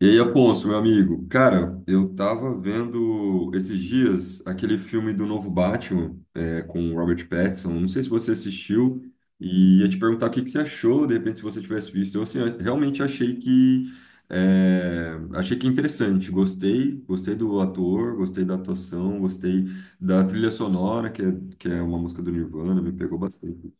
E aí, Afonso, meu amigo, cara, eu tava vendo esses dias aquele filme do novo Batman, com o Robert Pattinson. Não sei se você assistiu e ia te perguntar o que que você achou, de repente, se você tivesse visto. Eu, assim, eu realmente achei que achei que é interessante. Gostei, gostei do ator, gostei da atuação, gostei da trilha sonora, que é uma música do Nirvana, me pegou bastante.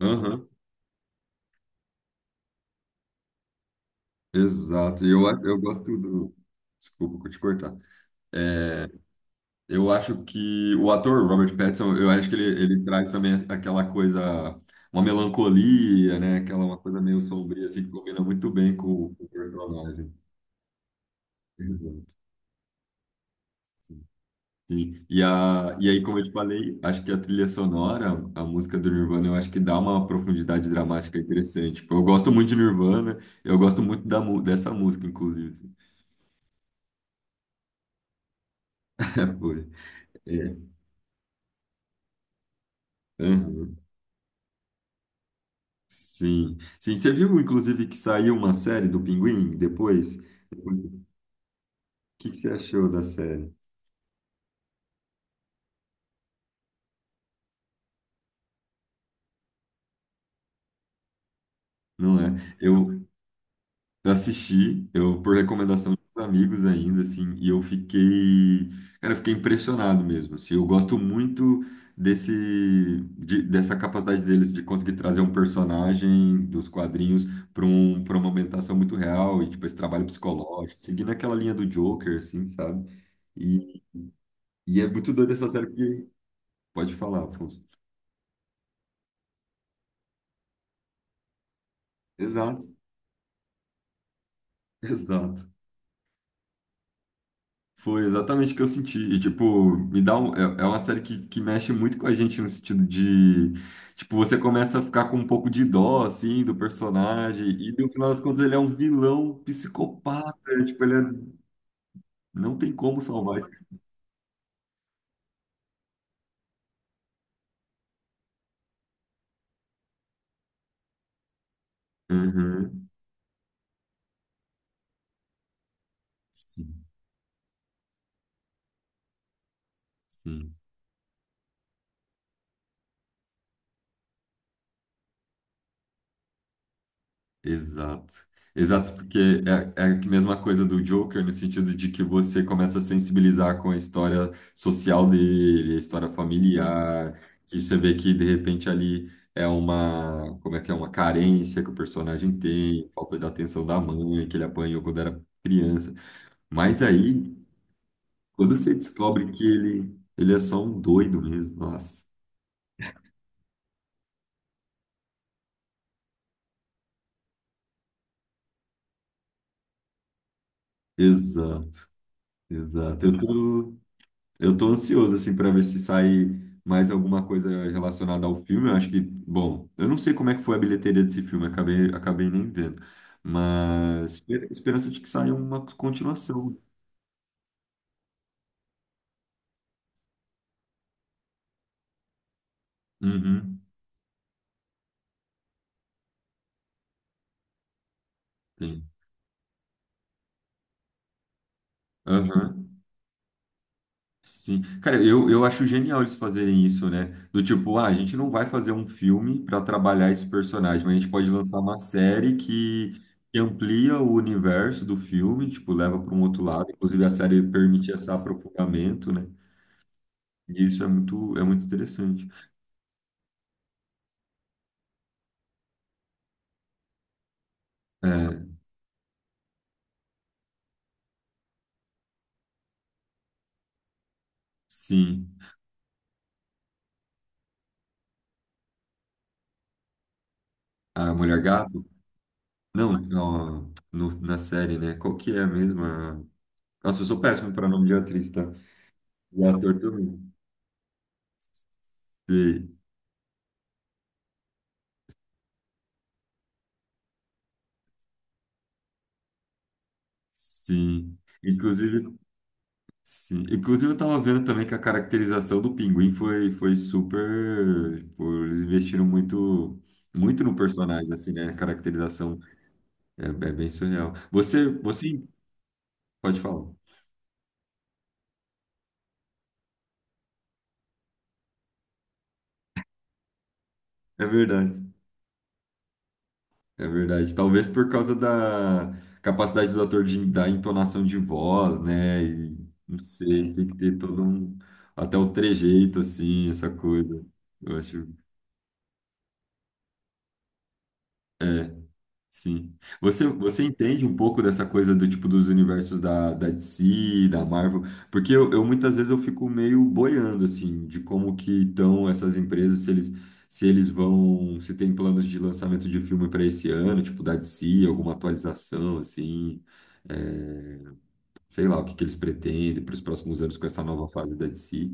Aham, exato. Eu gosto do. Desculpa, vou te cortar. É, Eu acho que o ator Robert Pattinson, eu acho que ele traz também aquela coisa, uma melancolia, né? Aquela uma coisa meio sombria, assim, que combina muito bem com o personagem. Exato, sim. Sim. E aí, como eu te falei, acho que a trilha sonora, a música do Nirvana, eu acho que dá uma profundidade dramática interessante. Tipo, eu gosto muito de Nirvana, eu gosto muito da, mu- dessa música, inclusive. Foi. É. Uhum. Sim. Sim, você viu, inclusive, que saiu uma série do Pinguim depois? Que você achou da série? Não é? Eu assisti, eu por recomendação dos amigos ainda, assim, e eu fiquei, cara, eu fiquei impressionado mesmo. Assim, eu gosto muito desse, de- dessa capacidade deles de conseguir trazer um personagem dos quadrinhos para uma ambientação muito real e tipo esse trabalho psicológico, seguindo aquela linha do Joker, assim, sabe? E, e é muito doido essa série porque pode falar, Afonso. Exato, exato. Foi exatamente o que eu senti. E, tipo, me é uma série que mexe muito com a gente no sentido de, tipo, você começa a ficar com um pouco de dó, assim, do personagem. E, no final das contas, ele é um vilão psicopata. Tipo, ele é- não tem como salvar. Esse- Uhum. Sim, sim. Exato. Exato, porque é a mesma coisa do Joker, no sentido de que você começa a sensibilizar com a história social dele, a história familiar, que você vê que de repente ali é uma, como é que é, uma carência que o personagem tem, falta da atenção da mãe, que ele apanhou quando era criança. Mas aí, quando você descobre que ele é só um doido mesmo, nossa. Exato, exato. Eu tô ansioso, assim, para ver se sai mais alguma coisa relacionada ao filme. Eu acho que, bom, eu não sei como é que foi a bilheteria desse filme, acabei nem vendo. Mas esperança de que saia uma continuação. Uhum, sim. Aham, sim. Cara, eu acho genial eles fazerem isso, né? Do tipo, ah, a gente não vai fazer um filme para trabalhar esse personagem, mas a gente pode lançar uma série que amplia o universo do filme, tipo, leva para um outro lado. Inclusive, a série permite esse aprofundamento, né? E isso é muito interessante. É, sim, a Mulher Gato? Não, ó, na série, né? Qual que é mesmo? A- mesma? Nossa, eu sou péssimo para nome de atriz, tá? E ator também. E- sim. Inclusive, sim. Inclusive, eu tava vendo também que a caracterização do Pinguim foi super. Tipo, eles investiram muito. Muito no personagem, assim, né? A caracterização é bem surreal. Você pode falar. É verdade. É verdade. Talvez por causa da capacidade do ator de dar entonação de voz, né? E, não sei, tem que ter todo um. Até o trejeito, assim, essa coisa. Eu acho. É, sim. Você entende um pouco dessa coisa do tipo dos universos da DC, da Marvel? Porque eu muitas vezes eu fico meio boiando assim de como que estão essas empresas, se eles vão, se tem planos de lançamento de filme para esse ano, tipo da DC, alguma atualização assim, é, sei lá o que que eles pretendem para os próximos anos com essa nova fase da DC.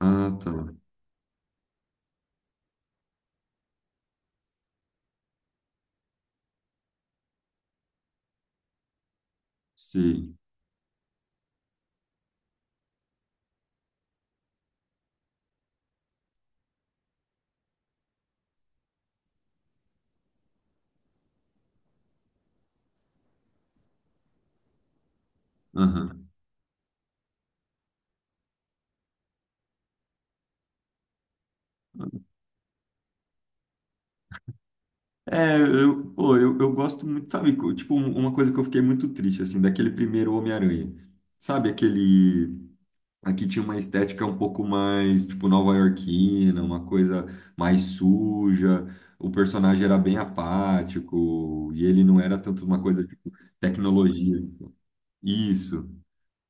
Ah, tá. Sim. Aham. Eu gosto muito, sabe? Tipo, uma coisa que eu fiquei muito triste, assim, daquele primeiro Homem-Aranha. Sabe, aquele. Aqui tinha uma estética um pouco mais, tipo, nova-iorquina, uma coisa mais suja. O personagem era bem apático e ele não era tanto uma coisa, tipo, tecnologia. Isso,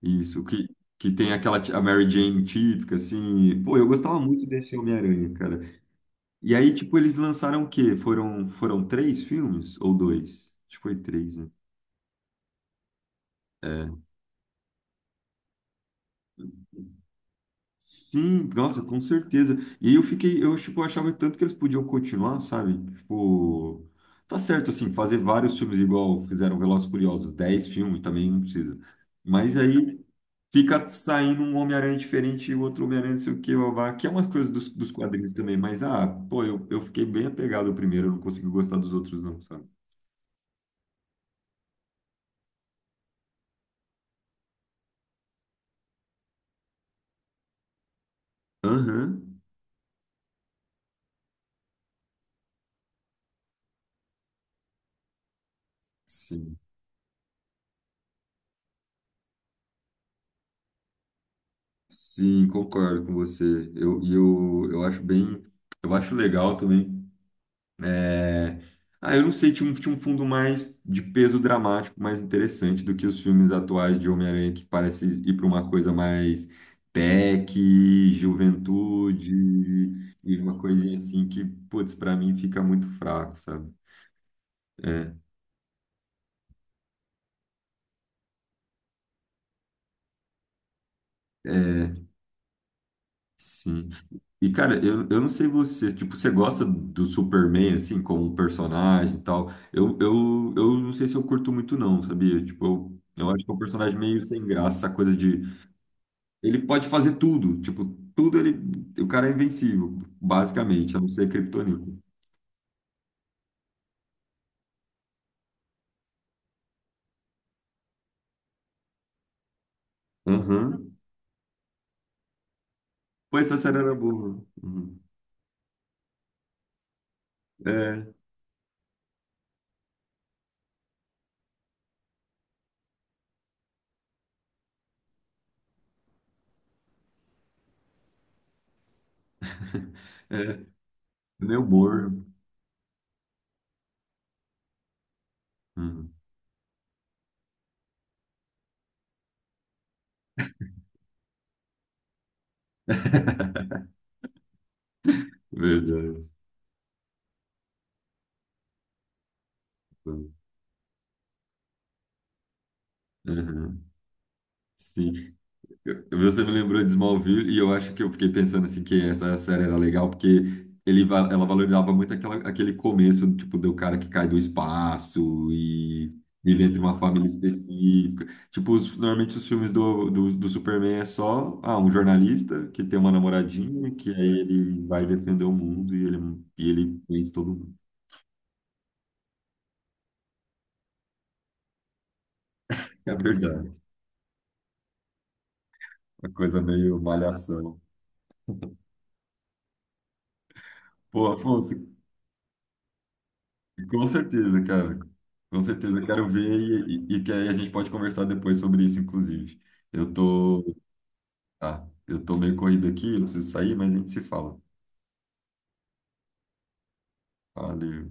isso. Que tem a Mary Jane típica, assim. Pô, eu gostava muito desse Homem-Aranha, cara. E aí, tipo, eles lançaram o quê? Foram três filmes? Ou dois? Acho que foi três, né? Sim, nossa, com certeza. E aí tipo, achava tanto que eles podiam continuar, sabe? Tipo, tá certo, assim, fazer vários filmes igual fizeram Velozes e Furiosos, dez filmes também não precisa. Mas aí fica saindo um Homem-Aranha diferente e o outro Homem-Aranha não sei o que babá, que é umas coisas dos quadrinhos também. Mas, ah, pô, eu fiquei bem apegado ao primeiro, eu não consegui gostar dos outros não, sabe? Aham, sim. Sim, concordo com você. Eu acho bem, eu acho legal também. É, ah, eu não sei, tinha um fundo mais de peso dramático, mais interessante do que os filmes atuais de Homem-Aranha, que parece ir para uma coisa mais tech, juventude, e uma coisinha assim que, putz, para mim fica muito fraco, sabe? É. É. Sim. E, cara, eu não sei você, tipo, você gosta do Superman, assim, como um personagem e tal? Eu não sei se eu curto muito, não, sabia? Tipo, eu acho que é um personagem meio sem graça, essa coisa de... Ele pode fazer tudo, tipo, tudo ele... O cara é invencível, basicamente, a não ser Kryptonita. Aham. Pô, essa série era boa. Uhum. É, é. Meu humor. Uhum. Verdade. Uhum. Sim. Eu- você me lembrou de Smallville e eu acho que eu fiquei pensando assim que essa série era legal porque ela valorizava muito aquela, aquele começo, tipo, do cara que cai do espaço e ele entra em uma família específica. Tipo, normalmente os filmes do Superman é só, ah, um jornalista que tem uma namoradinha que aí ele vai defender o mundo e e ele vence todo mundo. É verdade, uma coisa meio malhação. Pô, Afonso, com certeza, cara. Com certeza, quero ver e que aí a gente pode conversar depois sobre isso, inclusive. Eu tô, tá, eu tô meio corrido aqui, eu preciso sair, mas a gente se fala. Valeu.